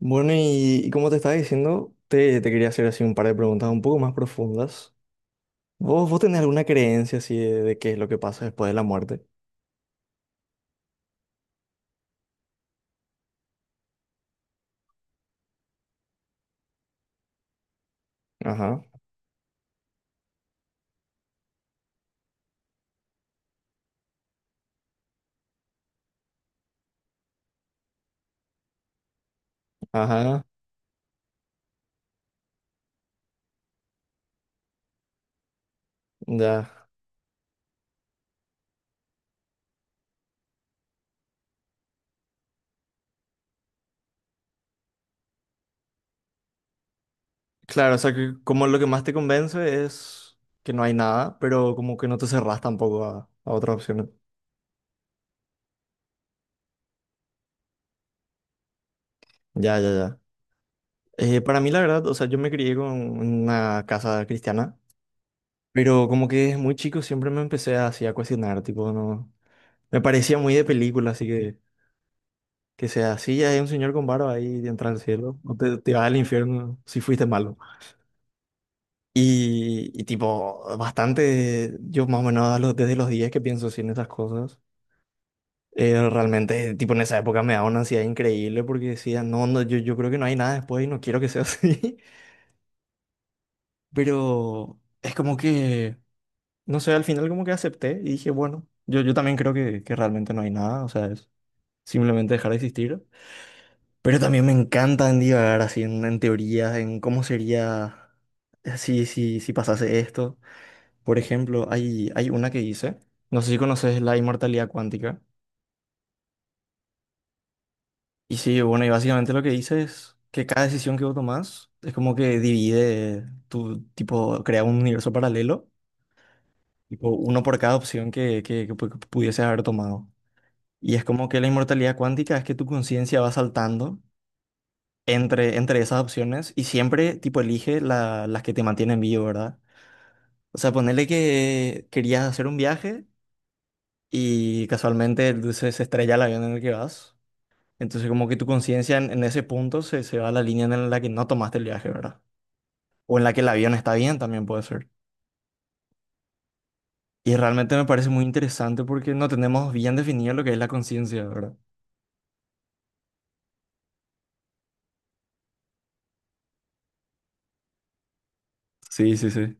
Bueno, y como te estaba diciendo, te quería hacer así un par de preguntas un poco más profundas. ¿Vos tenés alguna creencia así de qué es lo que pasa después de la muerte? Ajá, ajá, ya. Claro, o sea, que como lo que más te convence es que no hay nada, pero como que no te cerrás tampoco a otras opciones. Ya, ya, ya. Para mí, la verdad, o sea, yo me crié con una casa cristiana, pero como que desde muy chico siempre me empecé así a cuestionar, tipo, no. Me parecía muy de película, así que. Que sea así, ya hay un señor con barba ahí entra al cielo, o te vas al infierno si fuiste malo. Y tipo, bastante, yo más o menos a los- desde los días que pienso así en esas cosas. Realmente, tipo, en esa época me daba una ansiedad increíble porque decía, no, no, yo creo que no hay nada después y no quiero que sea así. Pero es como que, no sé, al final como que acepté y dije, bueno, yo también creo que realmente no hay nada, o sea, es simplemente dejar de existir. Pero también me encanta en divagar así en teorías, en cómo sería si pasase esto. Por ejemplo, hay una que hice, no sé si conoces la inmortalidad cuántica. Y sí, bueno, y básicamente lo que dice es que cada decisión que vos tomás es como que divide tu, tipo, crea un universo paralelo, tipo uno por cada opción que pudieses haber tomado. Y es como que la inmortalidad cuántica es que tu conciencia va saltando entre esas opciones y siempre tipo elige la- las que te mantienen vivo, ¿verdad? O sea, ponerle que querías hacer un viaje y casualmente el dulce se estrella el avión en el que vas. Entonces como que tu conciencia en ese punto se va a la línea en la que no tomaste el viaje, ¿verdad? O en la que el avión está bien también puede ser. Y realmente me parece muy interesante porque no tenemos bien definido lo que es la conciencia, ¿verdad? Sí, sí, sí.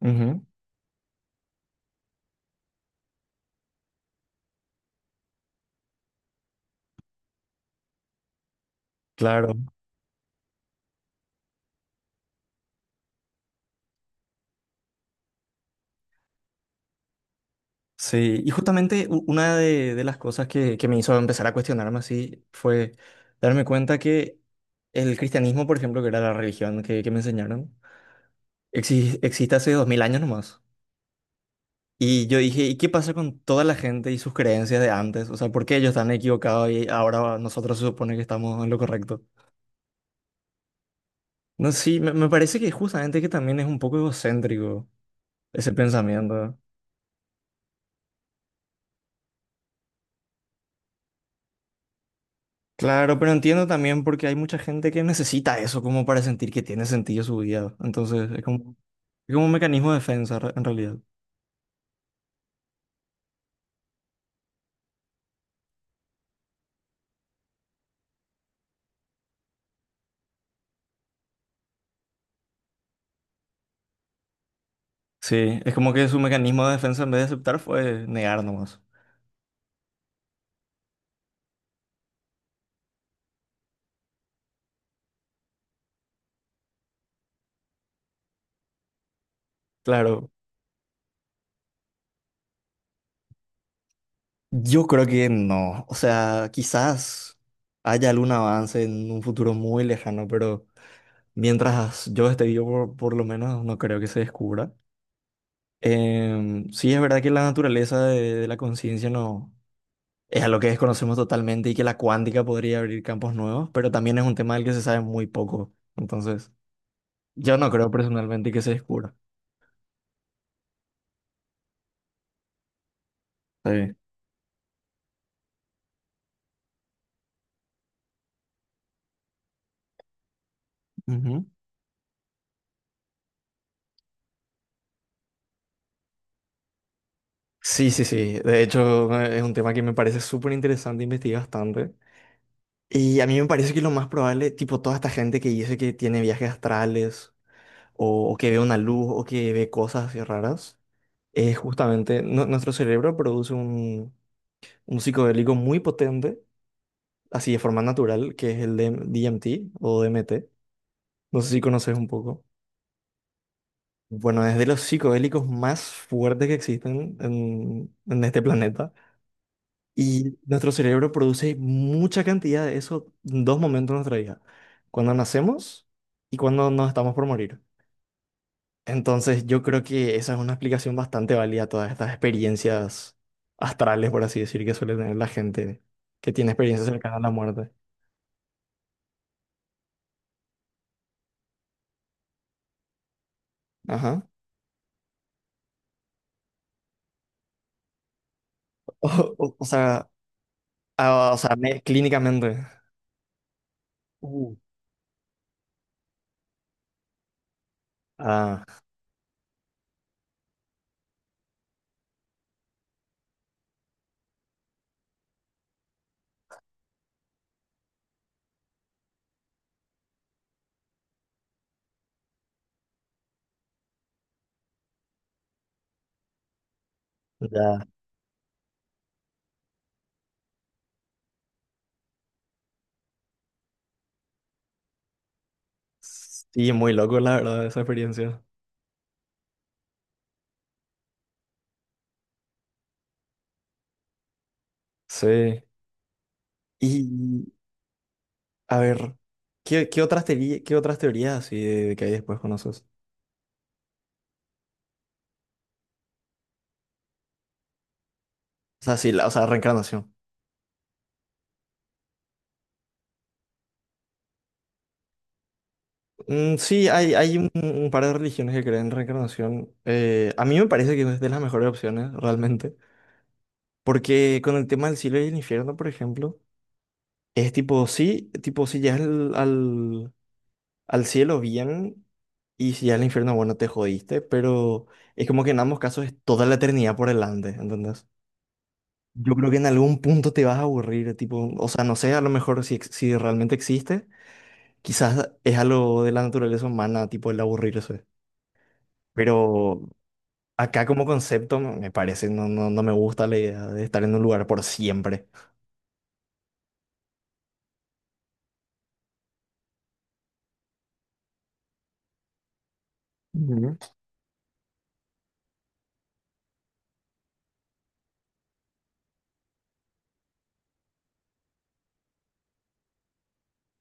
Ujú. Claro. Sí, y justamente u- una de las cosas que me hizo empezar a cuestionarme así fue darme cuenta que el cristianismo, por ejemplo, que era la religión que me enseñaron, exi- existe hace dos mil años nomás. Y yo dije, ¿y qué pasa con toda la gente y sus creencias de antes? O sea, ¿por qué ellos están equivocados y ahora nosotros se supone que estamos en lo correcto? No, sí, me parece que justamente que también es un poco egocéntrico ese pensamiento. Claro, pero entiendo también porque hay mucha gente que necesita eso como para sentir que tiene sentido su vida. Entonces, es como un mecanismo de defensa re- en realidad. Sí, es como que su mecanismo de defensa en vez de aceptar fue negar nomás. Claro, yo creo que no. O sea, quizás haya algún avance en un futuro muy lejano, pero mientras yo esté vivo, por lo menos no creo que se descubra. Sí, es verdad que la naturaleza de la conciencia no es algo que desconocemos totalmente y que la cuántica podría abrir campos nuevos, pero también es un tema del que se sabe muy poco. Entonces, yo no creo personalmente que se descubra. Sí. Ujú. Sí, sí, sí. De hecho, es un tema que me parece súper interesante, investigué bastante. Y a mí me parece que lo más probable, tipo toda esta gente que dice que tiene viajes astrales o que ve una luz o que ve cosas así raras, es justamente nu- nuestro cerebro produce un psicodélico muy potente así de forma natural, que es el de DMT o DMT. No sé si conoces un poco. Bueno, es de los psicodélicos más fuertes que existen en este planeta. Y nuestro cerebro produce mucha cantidad de eso en dos momentos de nuestra vida. Cuando nacemos y cuando nos estamos por morir. Entonces yo creo que esa es una explicación bastante válida a todas estas experiencias astrales, por así decir, que suele tener la gente que tiene experiencias cercanas a la muerte. Ajá. O, o sea, ah, o sea, me- clínicamente. Uh, Ah, ya. Sí, muy loco, la verdad, esa experiencia. Sí. Y, a ver, ¿qué, qué otras teorías así de que hay después conoces? O sea, sí, la, o sea, reencarnación. Sí, hay un par de religiones que creen en reencarnación. A mí me parece que es de las mejores opciones, realmente. Porque con el tema del cielo y el infierno, por ejemplo, es tipo, sí, tipo, si llegas al al cielo bien y si al infierno, bueno, te jodiste, pero es como que en ambos casos es toda la eternidad por delante, ¿entendés? Yo creo que en algún punto te vas a aburrir, tipo, o sea, no sé, a lo mejor si, ex- si realmente existe, quizás es algo de la naturaleza humana, tipo el aburrirse. Pero acá como concepto me parece, no, no, no me gusta la idea de estar en un lugar por siempre. Ujú.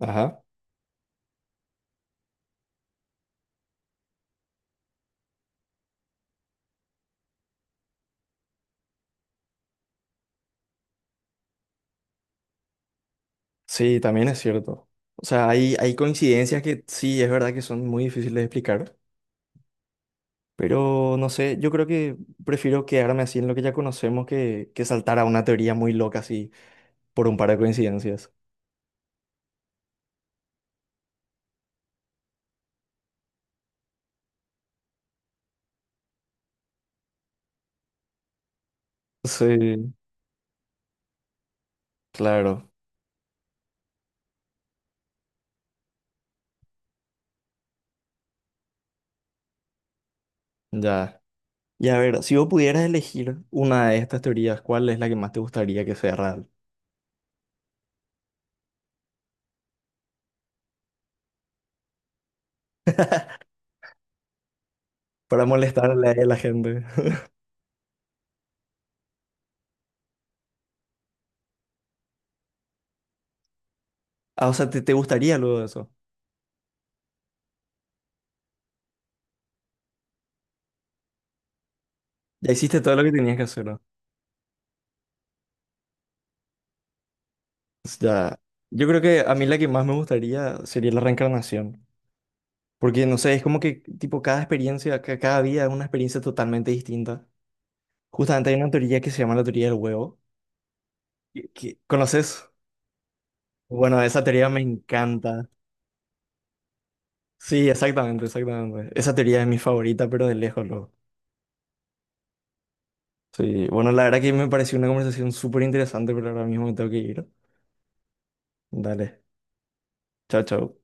Ajá. Sí, también es cierto. O sea, hay coincidencias que sí, es verdad que son muy difíciles de explicar. Pero no sé, yo creo que prefiero quedarme así en lo que ya conocemos que saltar a una teoría muy loca así por un par de coincidencias. Sí, claro, ya. Y a ver, si vos pudieras elegir una de estas teorías, ¿cuál es la que más te gustaría que sea real? Para molestarle a la gente. Ah, o sea, ¿te gustaría luego de eso? Ya hiciste todo lo que tenías que hacer, ¿no? Ya. Yo creo que a mí la que más me gustaría sería la reencarnación. Porque, no sé, es como que, tipo, cada experiencia, ca- cada vida es una experiencia totalmente distinta. Justamente hay una teoría que se llama la teoría del huevo. ¿Conoces? Bueno, esa teoría me encanta. Sí, exactamente, exactamente. Esa teoría es mi favorita, pero de lejos, loco. Sí, bueno, la verdad que me pareció una conversación súper interesante, pero ahora mismo me tengo que ir. Dale, chao, chao.